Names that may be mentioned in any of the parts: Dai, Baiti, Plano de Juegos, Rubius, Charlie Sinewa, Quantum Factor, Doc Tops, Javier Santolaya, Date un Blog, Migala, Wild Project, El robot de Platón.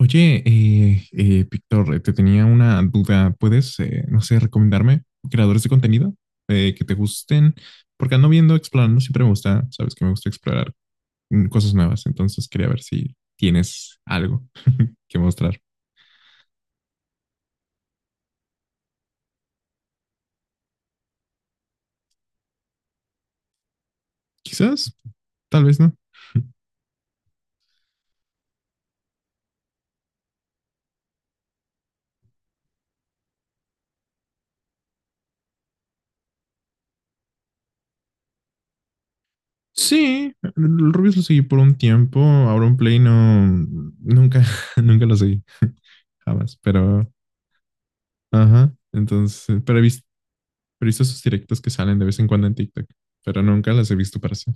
Oye, Víctor, te tenía una duda. ¿Puedes, no sé, recomendarme creadores de contenido que te gusten? Porque ando viendo, explorando, siempre me gusta, sabes que me gusta explorar cosas nuevas, entonces quería ver si tienes algo que mostrar. Quizás, tal vez no. Sí, el Rubius lo seguí por un tiempo, ahora un Play no, nunca, nunca lo seguí, jamás, pero, ajá, entonces, pero he visto sus directos que salen de vez en cuando en TikTok, pero nunca las he visto para sí.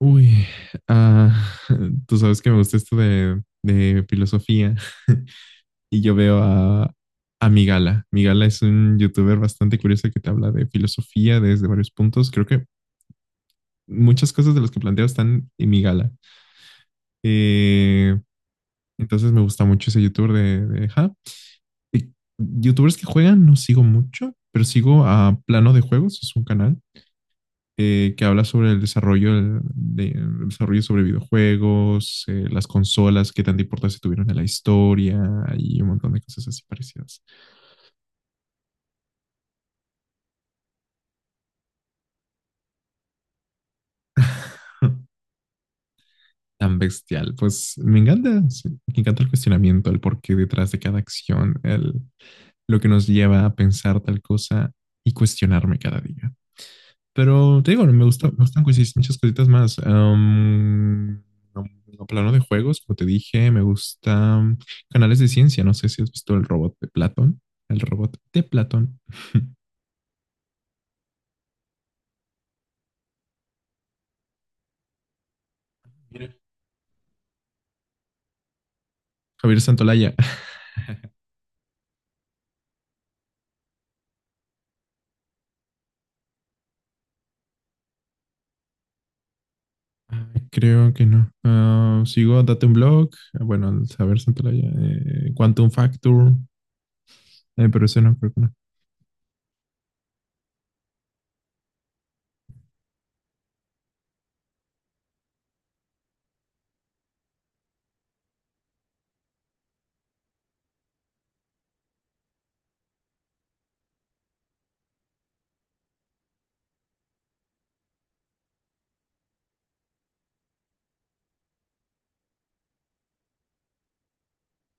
Uy, ah, tú sabes que me gusta esto de filosofía. Y a Migala. Migala es un youtuber bastante curioso que te habla de filosofía desde varios puntos. Creo que muchas cosas de las que planteo están en Migala. Eh, entonces me gusta mucho ese youtuber de ajá. Y youtubers que juegan no sigo mucho, pero sigo a Plano de Juegos, es un canal que habla sobre el desarrollo, el desarrollo sobre videojuegos, las consolas, qué tanta importancia tuvieron en la historia y un montón de cosas así parecidas. Tan bestial. Pues me encanta, sí, me encanta el cuestionamiento, el porqué detrás de cada acción, el, lo que nos lleva a pensar tal cosa y cuestionarme cada día. Pero te digo, no me gusta, me gustan coincidir muchas cositas más. No, no plano de juegos, como te dije, me gustan canales de ciencia. No sé si has visto el robot de Platón. El robot de Platón. Mira, Javier Santolaya. Ah, creo que no. Ah, sigo Date un Blog. Ah, bueno, Javier Santolaya, Quantum Factor, pero ese no, creo que no.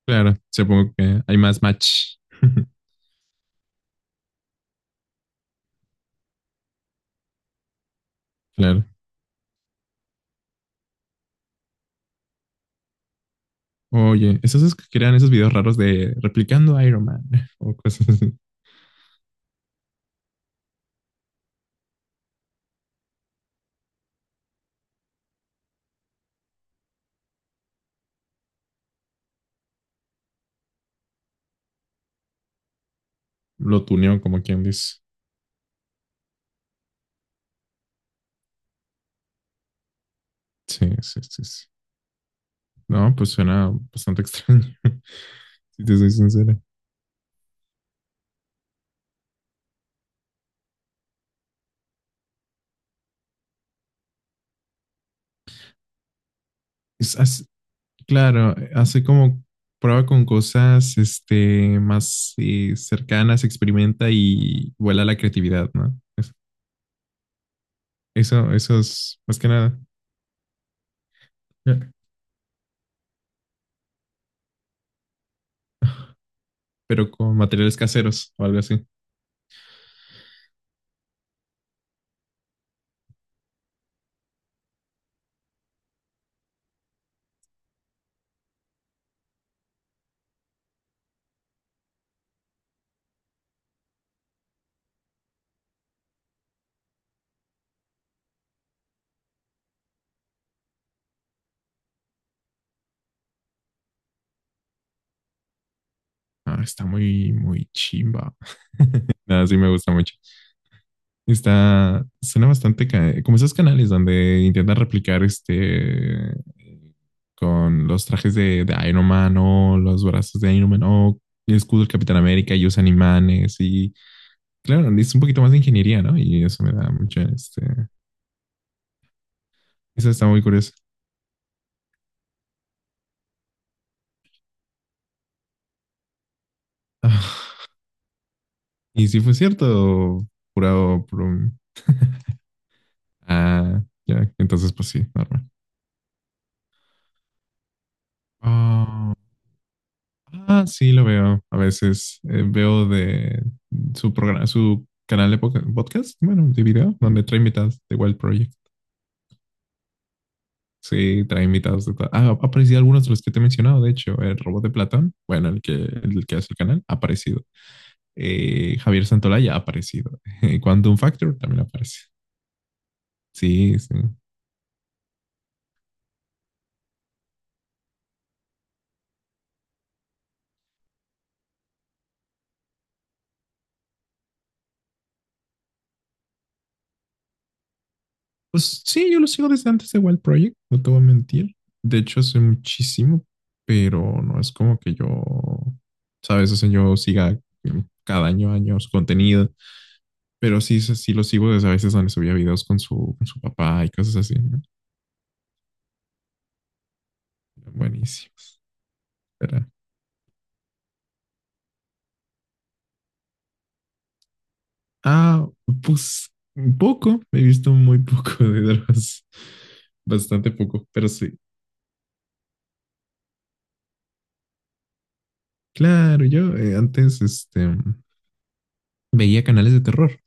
Claro, supongo que hay más match. Claro. Oye, esos es que crean esos videos raros de replicando Iron Man o cosas así. Lo tuneó, como quien dice. Sí, sí, sí, sí. No, pues suena bastante extraño, si te soy sincera. Es, as- claro, hace como prueba con cosas este, más cercanas, experimenta y vuela la creatividad, ¿no? Es... eso es más que nada, eh, pero con materiales caseros o algo así. Ah, está muy, muy chimba. Nada, sí me gusta mucho. Está, suena bastante como esos canales donde intentan replicar este con los trajes de Iron Man o los brazos de Iron Man o el escudo del Capitán América y usan imanes y claro, es un poquito más de ingeniería, ¿no? Y eso me da mucha, este, eso está muy curioso. Ah, ¿y si fue cierto, pura, puro- ah, ya, entonces pues sí, normal. Ah, ah, sí, lo veo. A veces veo de su programa, su canal de podcast, bueno, de video, donde trae invitados de Wild Project. Sí, trae invitados de... ah, ha aparecido algunos de los que te he mencionado, de hecho, el robot de Platón, bueno, el que hace el canal, ha aparecido. Javier Santolaya ha aparecido. Quantum Factor también aparece. Sí, sí. Pues sí, yo lo sigo desde antes de Wild Project, no te voy a mentir. De hecho, hace muchísimo, pero no es como que yo, sabes, o sea, yo siga cada año, años contenido, pero sí, sí sí lo sigo desde a veces donde subía videos con su papá y cosas así, ¿no? Buenísimos. Pero... ah, pues un poco, he visto muy poco de dramas, bastante poco, pero sí. Claro, yo antes este, veía canales de terror.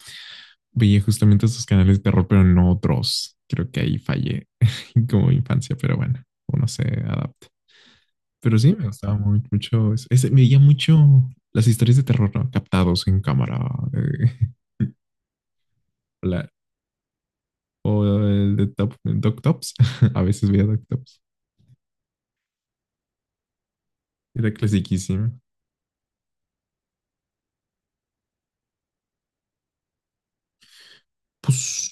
Veía justamente esos canales de terror, pero no otros. Creo que ahí fallé como infancia, pero bueno, uno se adapta. Pero sí, me gustaba muy, mucho eso. Ese... veía mucho las historias de terror, ¿no?, captados en cámara. eh, la... o el de Top, Doc Tops. A veces veía Doc Tops. Era clasiquísimo. Pues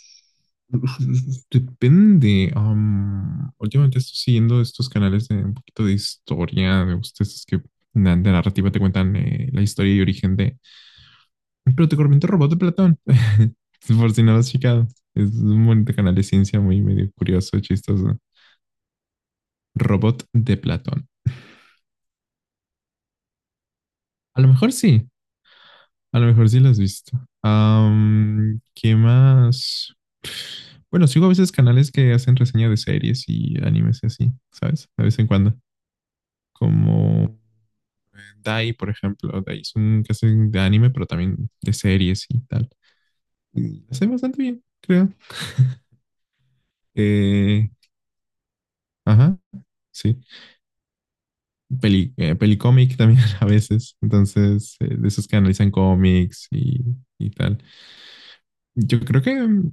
depende. Últimamente estoy siguiendo estos canales de un poquito de historia. Me gustan estos que de narrativa te cuentan la historia y origen de... pero te corriente robot de Platón. Por si no lo has checado. Es un bonito canal de ciencia muy medio curioso, chistoso. Robot de Platón. A lo mejor sí. A lo mejor sí lo has visto. ¿Qué más? Bueno, sigo a veces canales que hacen reseña de series y animes y así, ¿sabes? De vez en cuando. Como Dai, por ejemplo. Dai es un que hacen de anime, pero también de series y tal. Y hace bastante bien, creo. Eh, ajá, sí. Peli, pelicómic también a veces, entonces, de esos que analizan cómics y tal. Yo creo que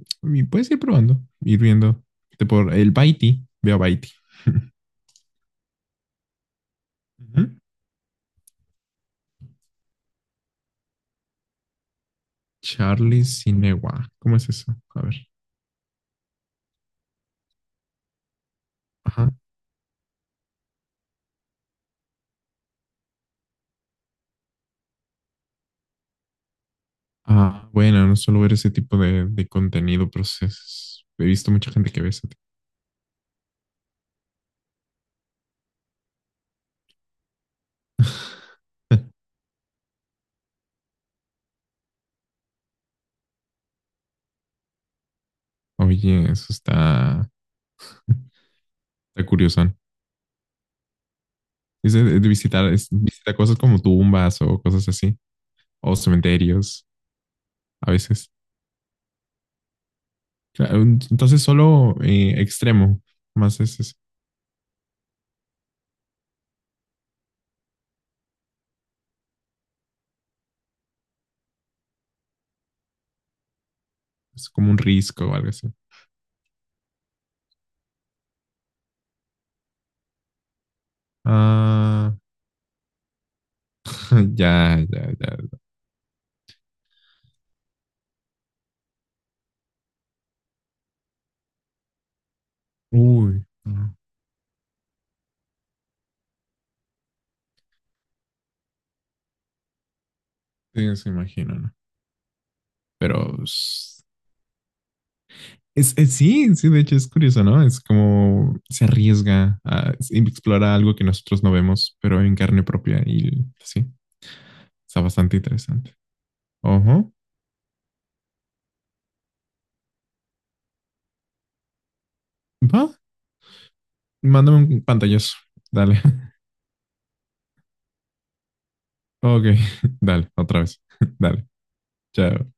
puedes ir probando, ir viendo. Te por el Baiti, veo Baiti. Ujú. Charlie Sinewa, ¿cómo es eso? A ver. Ajá. Ah, bueno, no suelo ver ese tipo de contenido, pero sí he visto mucha gente que ve ese tipo. Oye, eso está, está curioso. Es de visitar, visita cosas como tumbas o cosas así, o cementerios. A veces. Claro, entonces solo extremo, más es, es- es como un risco o algo así. Ah, ya, ya, ya, ya. Uy, no. Sí, se imagino, ¿no? Pero s- sí, sí, de hecho es curioso, ¿no? Es como se arriesga a explorar algo que nosotros no vemos, pero en carne propia y sí, está bastante interesante. Ojo, va, mándame un pantallazo, dale. Ok, dale, otra vez, dale, chao.